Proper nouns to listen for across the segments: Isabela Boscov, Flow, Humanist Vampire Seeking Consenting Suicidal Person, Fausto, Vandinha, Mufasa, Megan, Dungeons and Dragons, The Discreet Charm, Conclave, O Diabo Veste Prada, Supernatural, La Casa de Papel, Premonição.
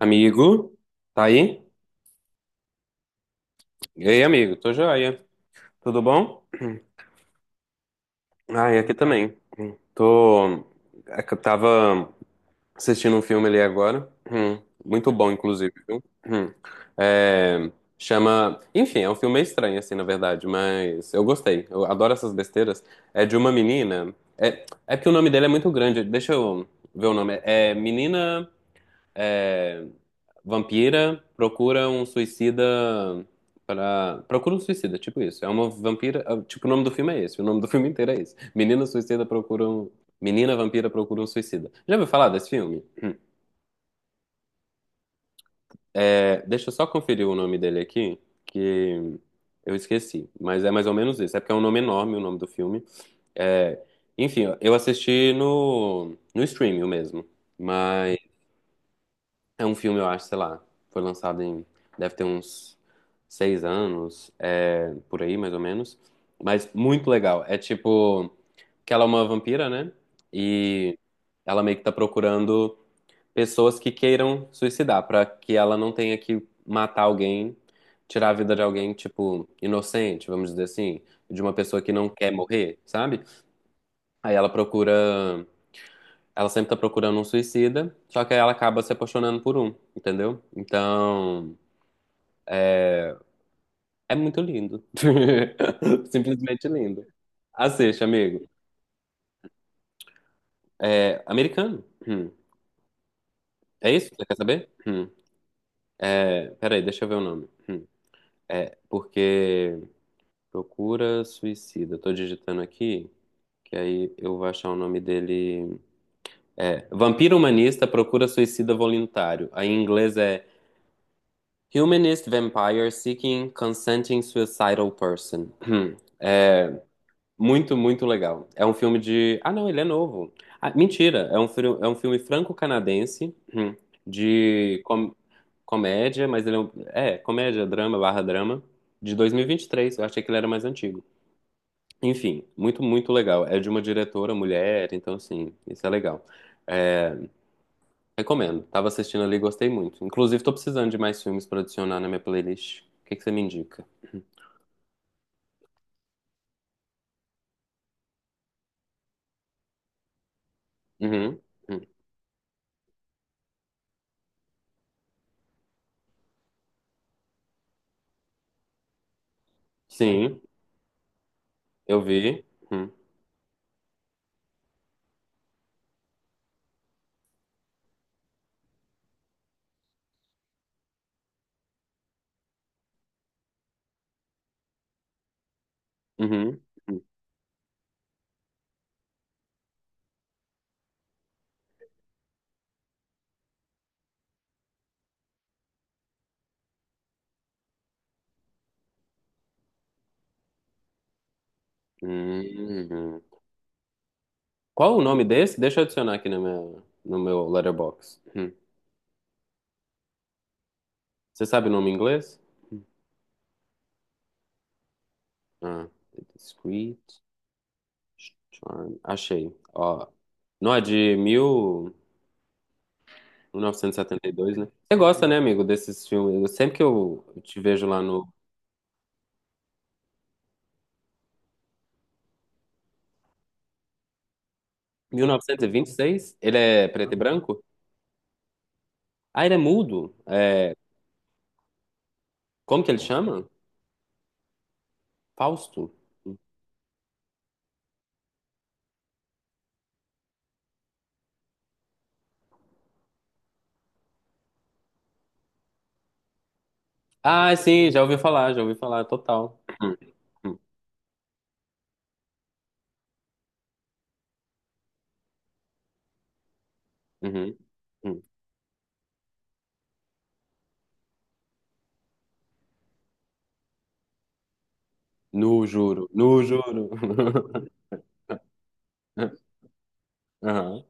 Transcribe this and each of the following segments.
Amigo, tá aí? E aí, amigo, tô joia. Tudo bom? Ah, e aqui também. Tô. É que Eu tava assistindo um filme ali agora. Muito bom, inclusive, viu? Hum. É, Chama. Enfim, é um filme meio estranho, assim, na verdade, mas eu gostei. Eu adoro essas besteiras. É de uma menina. É, é porque o nome dele é muito grande. Deixa eu ver o nome. É Menina. é, Vampira procura um suicida para. Procura um suicida, tipo isso. É uma vampira. Tipo, o nome do filme é esse. O nome do filme inteiro é esse. Menina suicida procura um. Menina vampira procura um suicida. Já ouviu falar desse filme? É, deixa eu só conferir o nome dele aqui, que eu esqueci. Mas é mais ou menos isso. É porque é um nome enorme o nome do filme. É, enfim, eu assisti no streaming mesmo. Mas. É um filme, eu acho, sei lá. Foi lançado em. Deve ter uns seis anos, é, por aí, mais ou menos. Mas muito legal. É tipo. Que ela é uma vampira, né? E ela meio que tá procurando pessoas que queiram suicidar, pra que ela não tenha que matar alguém, tirar a vida de alguém, tipo, inocente, vamos dizer assim, de uma pessoa que não quer morrer, sabe? Aí ela procura ela sempre tá procurando um suicida, só que aí ela acaba se apaixonando por um, entendeu? Então, é muito lindo. Simplesmente lindo. Assiste, amigo. É americano. Hum. É isso? que Você quer saber? Hum. É, peraí, deixa eu ver o nome. Hum. Porque procura suicida. Tô digitando aqui, que aí eu vou achar o nome dele. É, Vampiro Humanista Procura Suicida Voluntário. Aí em inglês é Humanist Vampire Seeking Consenting Suicidal Person. Muito, muito legal. É um filme de. Ah, não, ele é novo. Ah, mentira, é um, é um filme franco-canadense hum, de comédia, mas ele é, um... é comédia, drama, barra drama, de dois mil e vinte e três. Eu achei que ele era mais antigo. Enfim, muito, muito legal. É de uma diretora mulher, então, assim, isso é legal. É, recomendo. Tava assistindo ali e gostei muito. Inclusive, tô precisando de mais filmes pra adicionar na minha playlist. O que que você me indica? Uhum. Uhum. Sim, eu vi. Uhum. Uhum. Uhum. Hum. Qual o nome desse? Deixa eu adicionar aqui no meu no meu letterbox. Hum. Você sabe o nome em inglês? Ah, The Discreet Charm. Achei. Ó, não é de 1972, né? Você gosta, né, amigo, desses filmes? Eu- sempre que eu te vejo lá no 1926, ele é preto e branco? Ah, ele é mudo. É, como que ele chama? Fausto. Ah, sim, já ouvi falar, total. Hum, uhum, hum. No juro, no juro. Aham.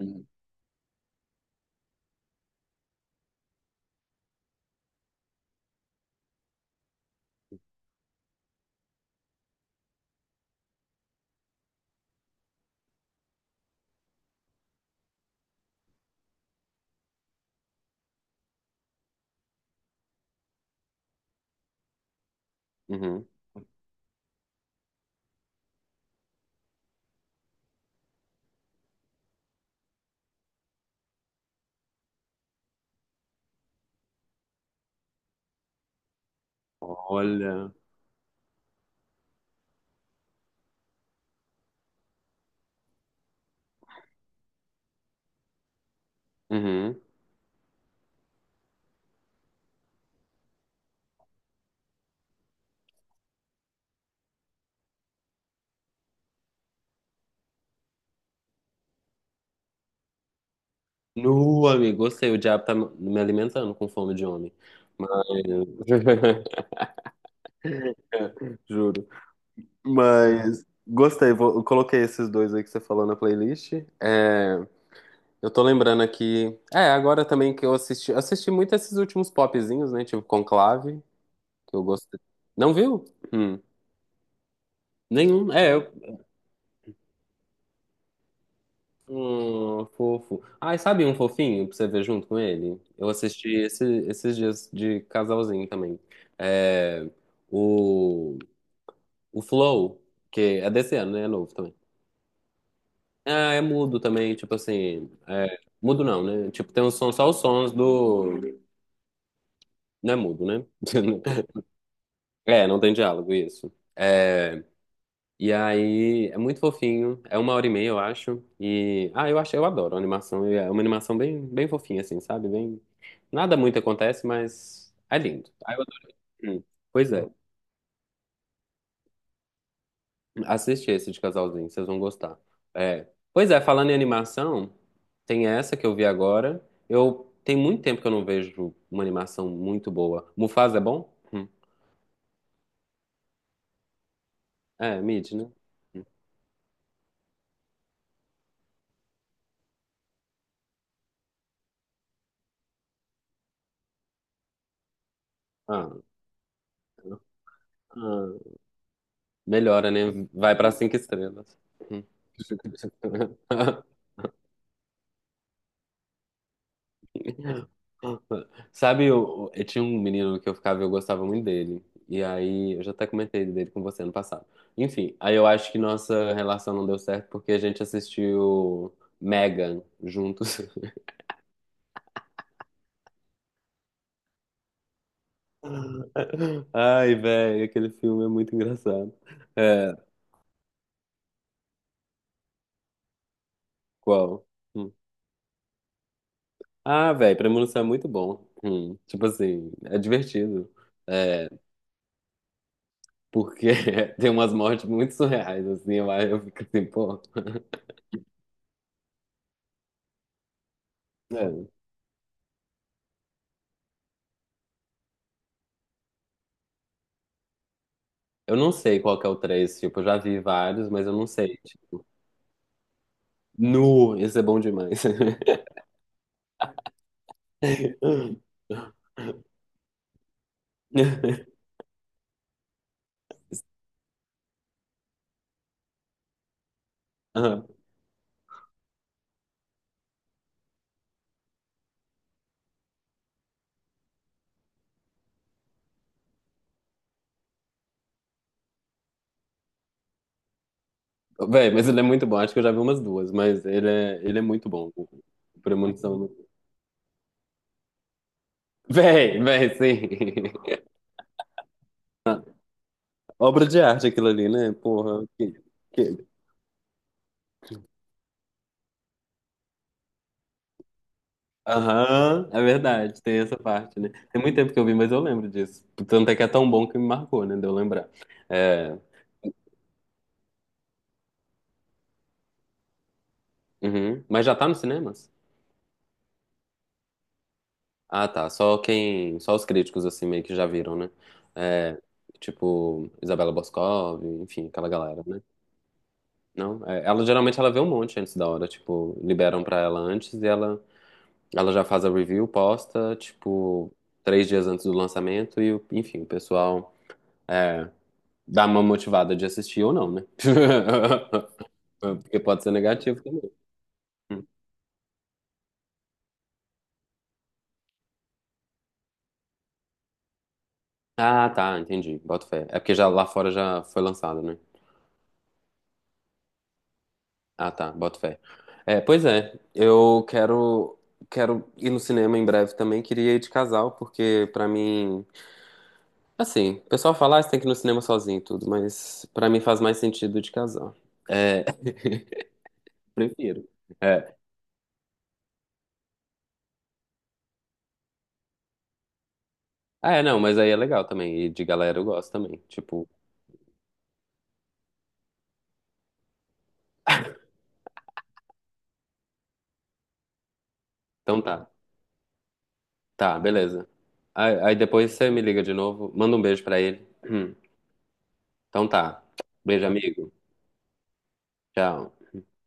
Uhum. Uhum. Olha. Uhum. Nu, amigo, gostei. O diabo tá me alimentando com fome de homem. Mas. Juro. Mas. Gostei, eu coloquei esses dois aí que você falou na playlist. Eu tô lembrando aqui. É, agora também que eu assisti. Assisti muito esses últimos popzinhos, né? Tipo Conclave, que eu gostei. Não viu? Hum. Nenhum. É, eu fofo. Ai, sabe um fofinho pra você ver junto com ele? Eu esses dias de casalzinho também. É, o, o Flow, que é desse ano, né? É novo também. Ah, é mudo também, tipo assim. É, mudo não, né? Tipo, tem um som, só os sons do. Não é mudo, né? É, não tem diálogo, isso. É, e aí é muito fofinho, é 1h30, eu acho. E ah, eu acho, eu adoro a animação. É uma animação bem fofinha, assim, sabe? Bem, nada muito acontece, mas é lindo. Ah, eu adoro. Hum, Pois é, assiste esse de casalzinho, vocês vão gostar. É. Pois é, falando em animação, tem essa que eu vi agora. Eu tem muito tempo que eu não vejo uma animação muito boa. Mufasa é bom? Hum. É, mid, né? Ah, ah, melhora, né? Vai pra cinco estrelas. Hum. Sabe, eu tinha um menino que eu ficava e eu gostava muito dele. E aí, eu já até comentei dele com você ano passado. Enfim, aí eu acho que nossa relação não deu certo porque a gente assistiu Megan juntos. Ai, velho, aquele filme é muito engraçado. É, qual? Hum. Ah, velho, Premonição é muito bom. Tipo assim, é divertido. É, porque tem umas mortes muito surreais, assim, eu fico assim, pô. É. Eu não sei qual que é o 3 tipo, eu já vi vários, mas eu não sei. Tipo, nu, esse é bom demais. Ah, véi, mas ele é muito bom, acho que eu já vi umas duas, mas ele é muito bom. O Premonição. Véi, sim. Obra de arte aquilo ali, né? Porra, que, aham, é verdade, tem essa parte, né? Tem muito tempo que eu vi, mas eu lembro disso. Tanto é que é tão bom que me marcou, né? De eu lembrar. É, uhum. Mas já tá nos cinemas? Ah, tá. Só quem. Só os críticos, assim, meio que já viram, né? É, tipo, Isabela Boscov, enfim, aquela galera, né? Não? É, ela geralmente ela vê um monte antes da hora, tipo, liberam pra ela antes e ela já faz a review, posta, tipo, três dias antes do lançamento, e o- enfim, o pessoal. É, dá uma motivada de assistir ou não, né? Porque pode ser negativo também. Hum. Ah, tá, entendi. Boto fé. É porque já lá fora já foi lançado, né? Ah, tá, boto fé. É, pois é, eu quero ir no cinema em breve também. Queria ir de casal, porque pra mim, assim, o pessoal fala, ah, você tem que ir no cinema sozinho e tudo, mas pra mim faz mais sentido de casal. É, prefiro. É. Ah, é, não, mas aí é legal também. E de galera eu gosto também. Tipo, então tá. Tá, beleza. Aí, depois você me liga de novo, manda um beijo pra ele. Então tá. Beijo, amigo. Tchau.